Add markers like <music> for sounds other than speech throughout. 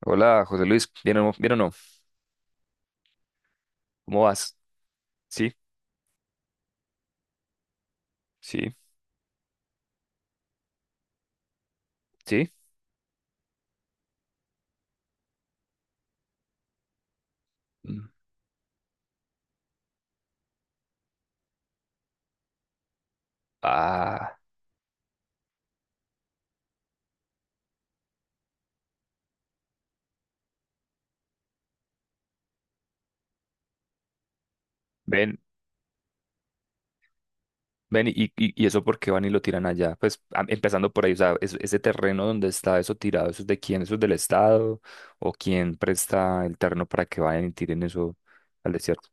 Hola, José Luis. ¿Bien o no? ¿Bien o no? ¿Cómo vas? Sí, sí, sí. Mm. Ah, ven, ven, y eso por qué van y lo tiran allá. Pues empezando por ahí, o sea, ese terreno donde está eso tirado, ¿eso es de quién? ¿Eso es del Estado? ¿O quién presta el terreno para que vayan y tiren eso al desierto?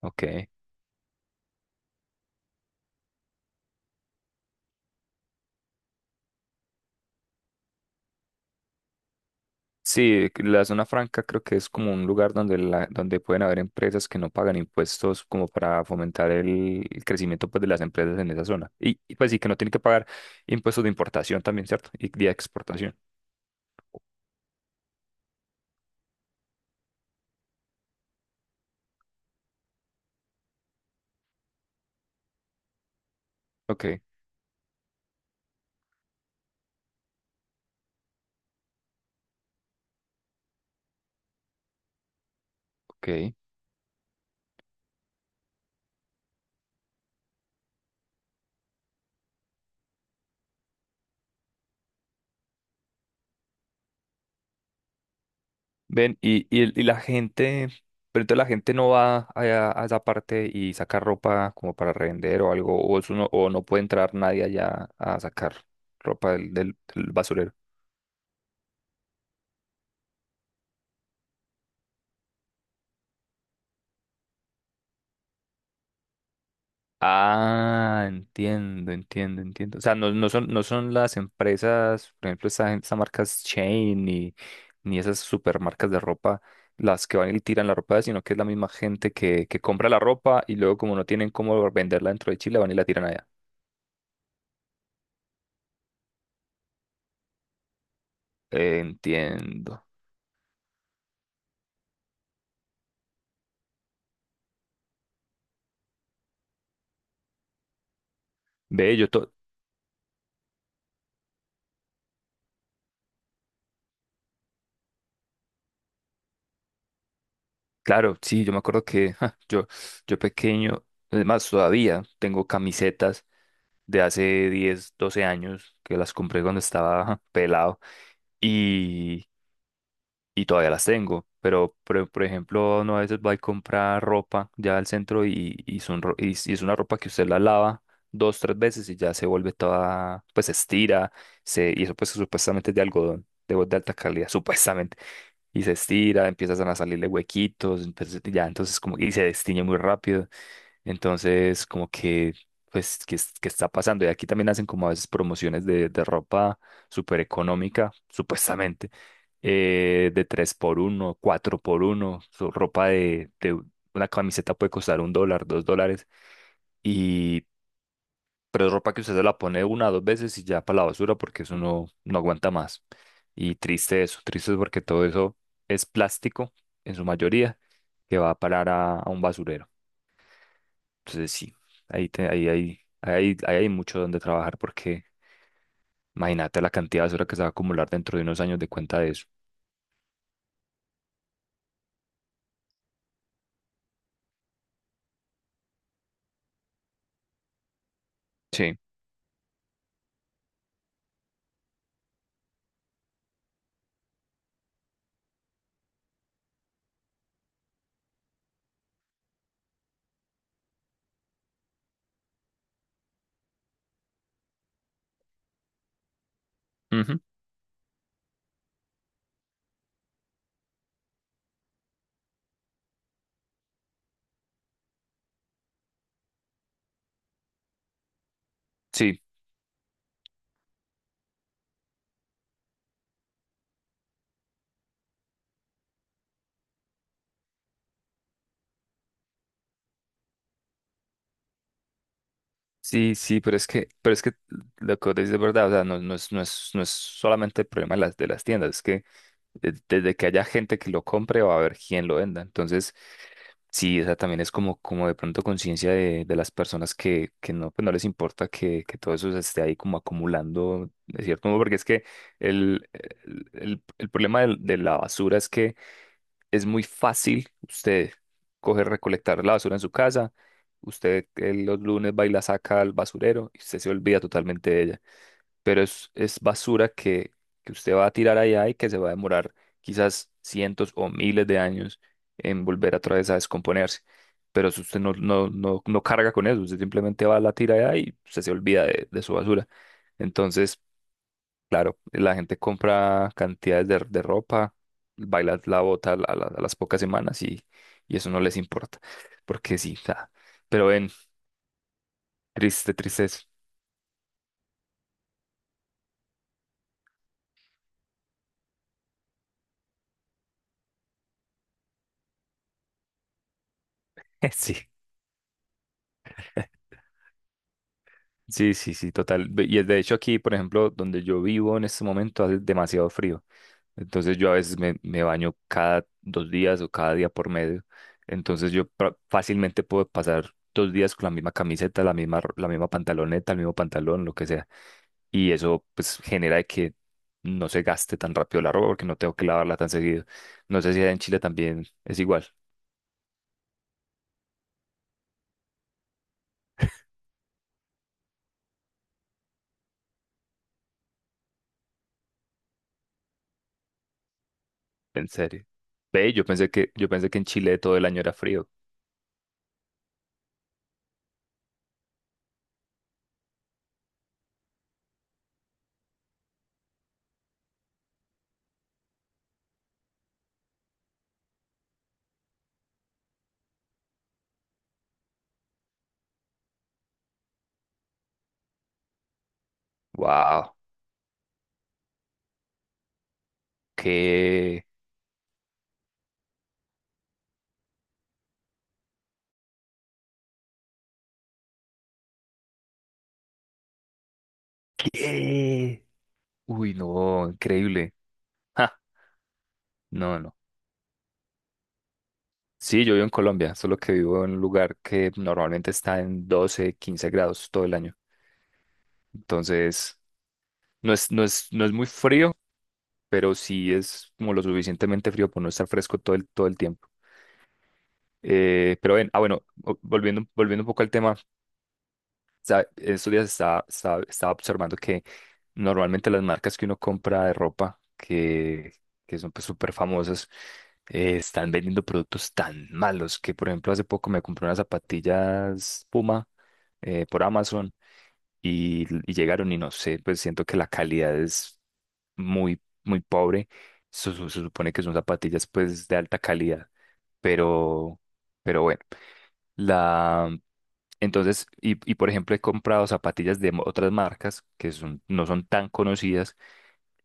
Ok. Sí, la zona franca creo que es como un lugar donde, donde pueden haber empresas que no pagan impuestos como para fomentar el crecimiento pues, de las empresas en esa zona. Pues sí, que no tienen que pagar impuestos de importación también, ¿cierto? Y de exportación. Ok, ok. Ven, y la gente, pero entonces la gente no va allá a esa parte y saca ropa como para revender o algo, o, eso no, o no puede entrar nadie allá a sacar ropa del basurero. Ah, entiendo, entiendo, entiendo. O sea, no, no son las empresas, por ejemplo, esa marca Shein ni esas supermarcas de ropa las que van y tiran la ropa, sino que es la misma gente que compra la ropa y luego como no tienen cómo venderla dentro de Chile, van y la tiran allá. Entiendo. Ve, yo to- claro, sí, yo me acuerdo que yo pequeño, además todavía tengo camisetas de hace 10, 12 años que las compré cuando estaba pelado. Y todavía las tengo, pero por ejemplo, uno a veces va a comprar ropa ya al centro y, son ro- y es una ropa que usted la lava 2, 3 veces y ya se vuelve toda, pues se estira, y eso pues supuestamente es de algodón, de alta calidad, <laughs> supuestamente, y se estira, empiezan a salirle huequitos, entonces, ya entonces como, y se destiñe muy rápido. Entonces, como que, pues, qué está pasando? Y aquí también hacen como a veces promociones de ropa súper económica, supuestamente, de 3 por 1, 4 por 1 su ropa una camiseta puede costar $1, $2, y, pero es ropa que usted se la pone una o dos veces y ya para la basura porque eso no aguanta más. Y triste eso, triste porque todo eso es plástico en su mayoría que va a parar a un basurero. Entonces sí, ahí, te- ahí, ahí ahí, ahí hay mucho donde trabajar porque imagínate la cantidad de basura que se va a acumular dentro de unos años de cuenta de eso. Sí, ujú, sí, sí, sí, pero es que lo que vos decís es verdad, o sea, no, no es solamente el problema de las, tiendas, es que desde que haya gente que lo compre va a haber quien lo venda. Entonces, sí, o sea, también es como, como de pronto conciencia de las personas que no, pues no les importa que todo eso se esté ahí como acumulando, de cierto modo, porque es que el problema la basura es que es muy fácil usted coger, recolectar la basura en su casa. Usted los lunes va y la saca al basurero y usted se olvida totalmente de ella. Pero es basura que usted va a tirar allá y que se va a demorar quizás cientos o miles de años en volver otra vez a descomponerse. Pero si usted no carga con eso, usted simplemente va a la tira allá y usted se olvida de su basura. Entonces, claro, la gente compra cantidades de ropa, baila la bota a las pocas semanas y eso no les importa, porque sí, ja. Pero ven, triste, triste eso. <laughs> Sí, sí, sí, sí, total. Y de hecho aquí, por ejemplo, donde yo vivo en este momento hace demasiado frío, entonces yo a veces me baño cada 2 días o cada día por medio, entonces yo fácilmente puedo pasar 2 días con la misma camiseta, la misma pantaloneta, el mismo pantalón, lo que sea. Y eso pues genera de que no se gaste tan rápido la ropa porque no tengo que lavarla tan seguido. No sé si allá en Chile también es igual, en serio. Ve, yo pensé que en Chile todo el año era frío. Wow, qué qué uy, no, increíble. Ja, no, no. Sí, yo vivo en Colombia, solo que vivo en un lugar que normalmente está en 12-15 grados todo el año. Entonces, no es, no es muy frío, pero sí es como lo suficientemente frío por no estar fresco todo el tiempo. Pero ven, ah, bueno, volviendo, volviendo un poco al tema, estos días estaba, estaba observando que normalmente las marcas que uno compra de ropa, que son pues súper famosas, están vendiendo productos tan malos que, por ejemplo, hace poco me compré unas zapatillas Puma por Amazon y llegaron y no sé, pues siento que la calidad es muy, muy pobre. Se supone que son zapatillas pues de alta calidad, pero, pero bueno. La, entonces, por ejemplo, he comprado zapatillas otras marcas que son, no son tan conocidas,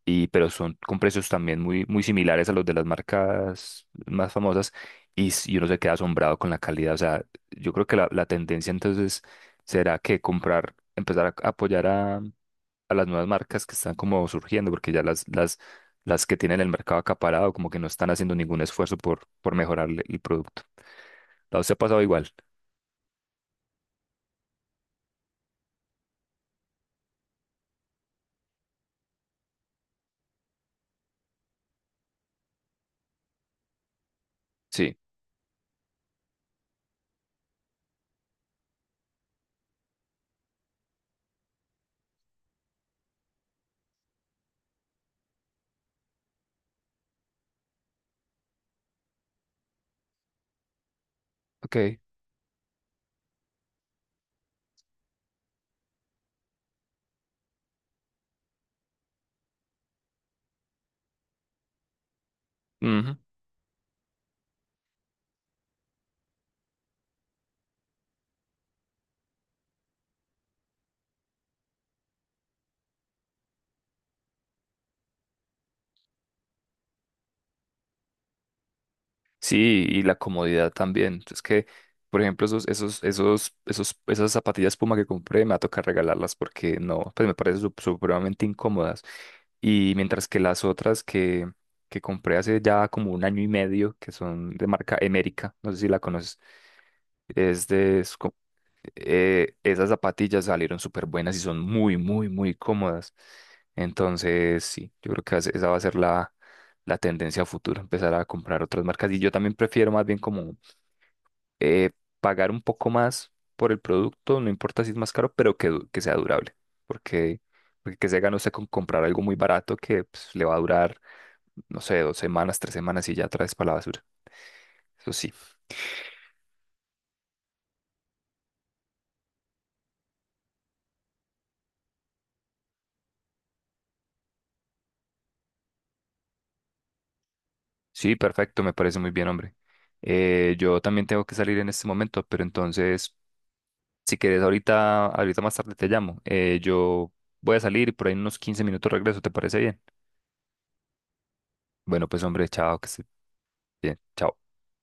y, pero son con precios también muy, muy similares a los de las marcas más famosas, y uno se queda asombrado con la calidad. O sea, yo creo que la tendencia entonces será que comprar, empezar a apoyar a las nuevas marcas que están como surgiendo, porque ya las que tienen el mercado acaparado, como que no están haciendo ningún esfuerzo por mejorar el producto. ¿A usted ha pasado igual? Sí. Ok. Ujú. Sí, y la comodidad también. Es que, por ejemplo, esas zapatillas Puma que compré me va a tocar regalarlas porque no, pues me parecen supremamente incómodas. Y mientras que las otras que compré hace ya como un año y medio, que son de marca Emérica, no sé si la conoces, es de, esas zapatillas salieron súper buenas y son muy, muy, muy cómodas. Entonces, sí, yo creo que esa va a ser la tendencia a futuro, empezar a comprar otras marcas. Y yo también prefiero más bien como eh, pagar un poco más por el producto, no importa si es más caro, pero que sea durable. Porque, porque que se gana usted con comprar algo muy barato que pues, le va a durar, no sé, 2 semanas, 3 semanas y ya traes para la basura. Eso sí. Sí, perfecto, me parece muy bien, hombre. Yo también tengo que salir en este momento, pero entonces, si quieres, ahorita más tarde te llamo. Yo voy a salir y por ahí en unos 15 minutos regreso, ¿te parece bien? Bueno, pues hombre, chao, que estés bien. Chao.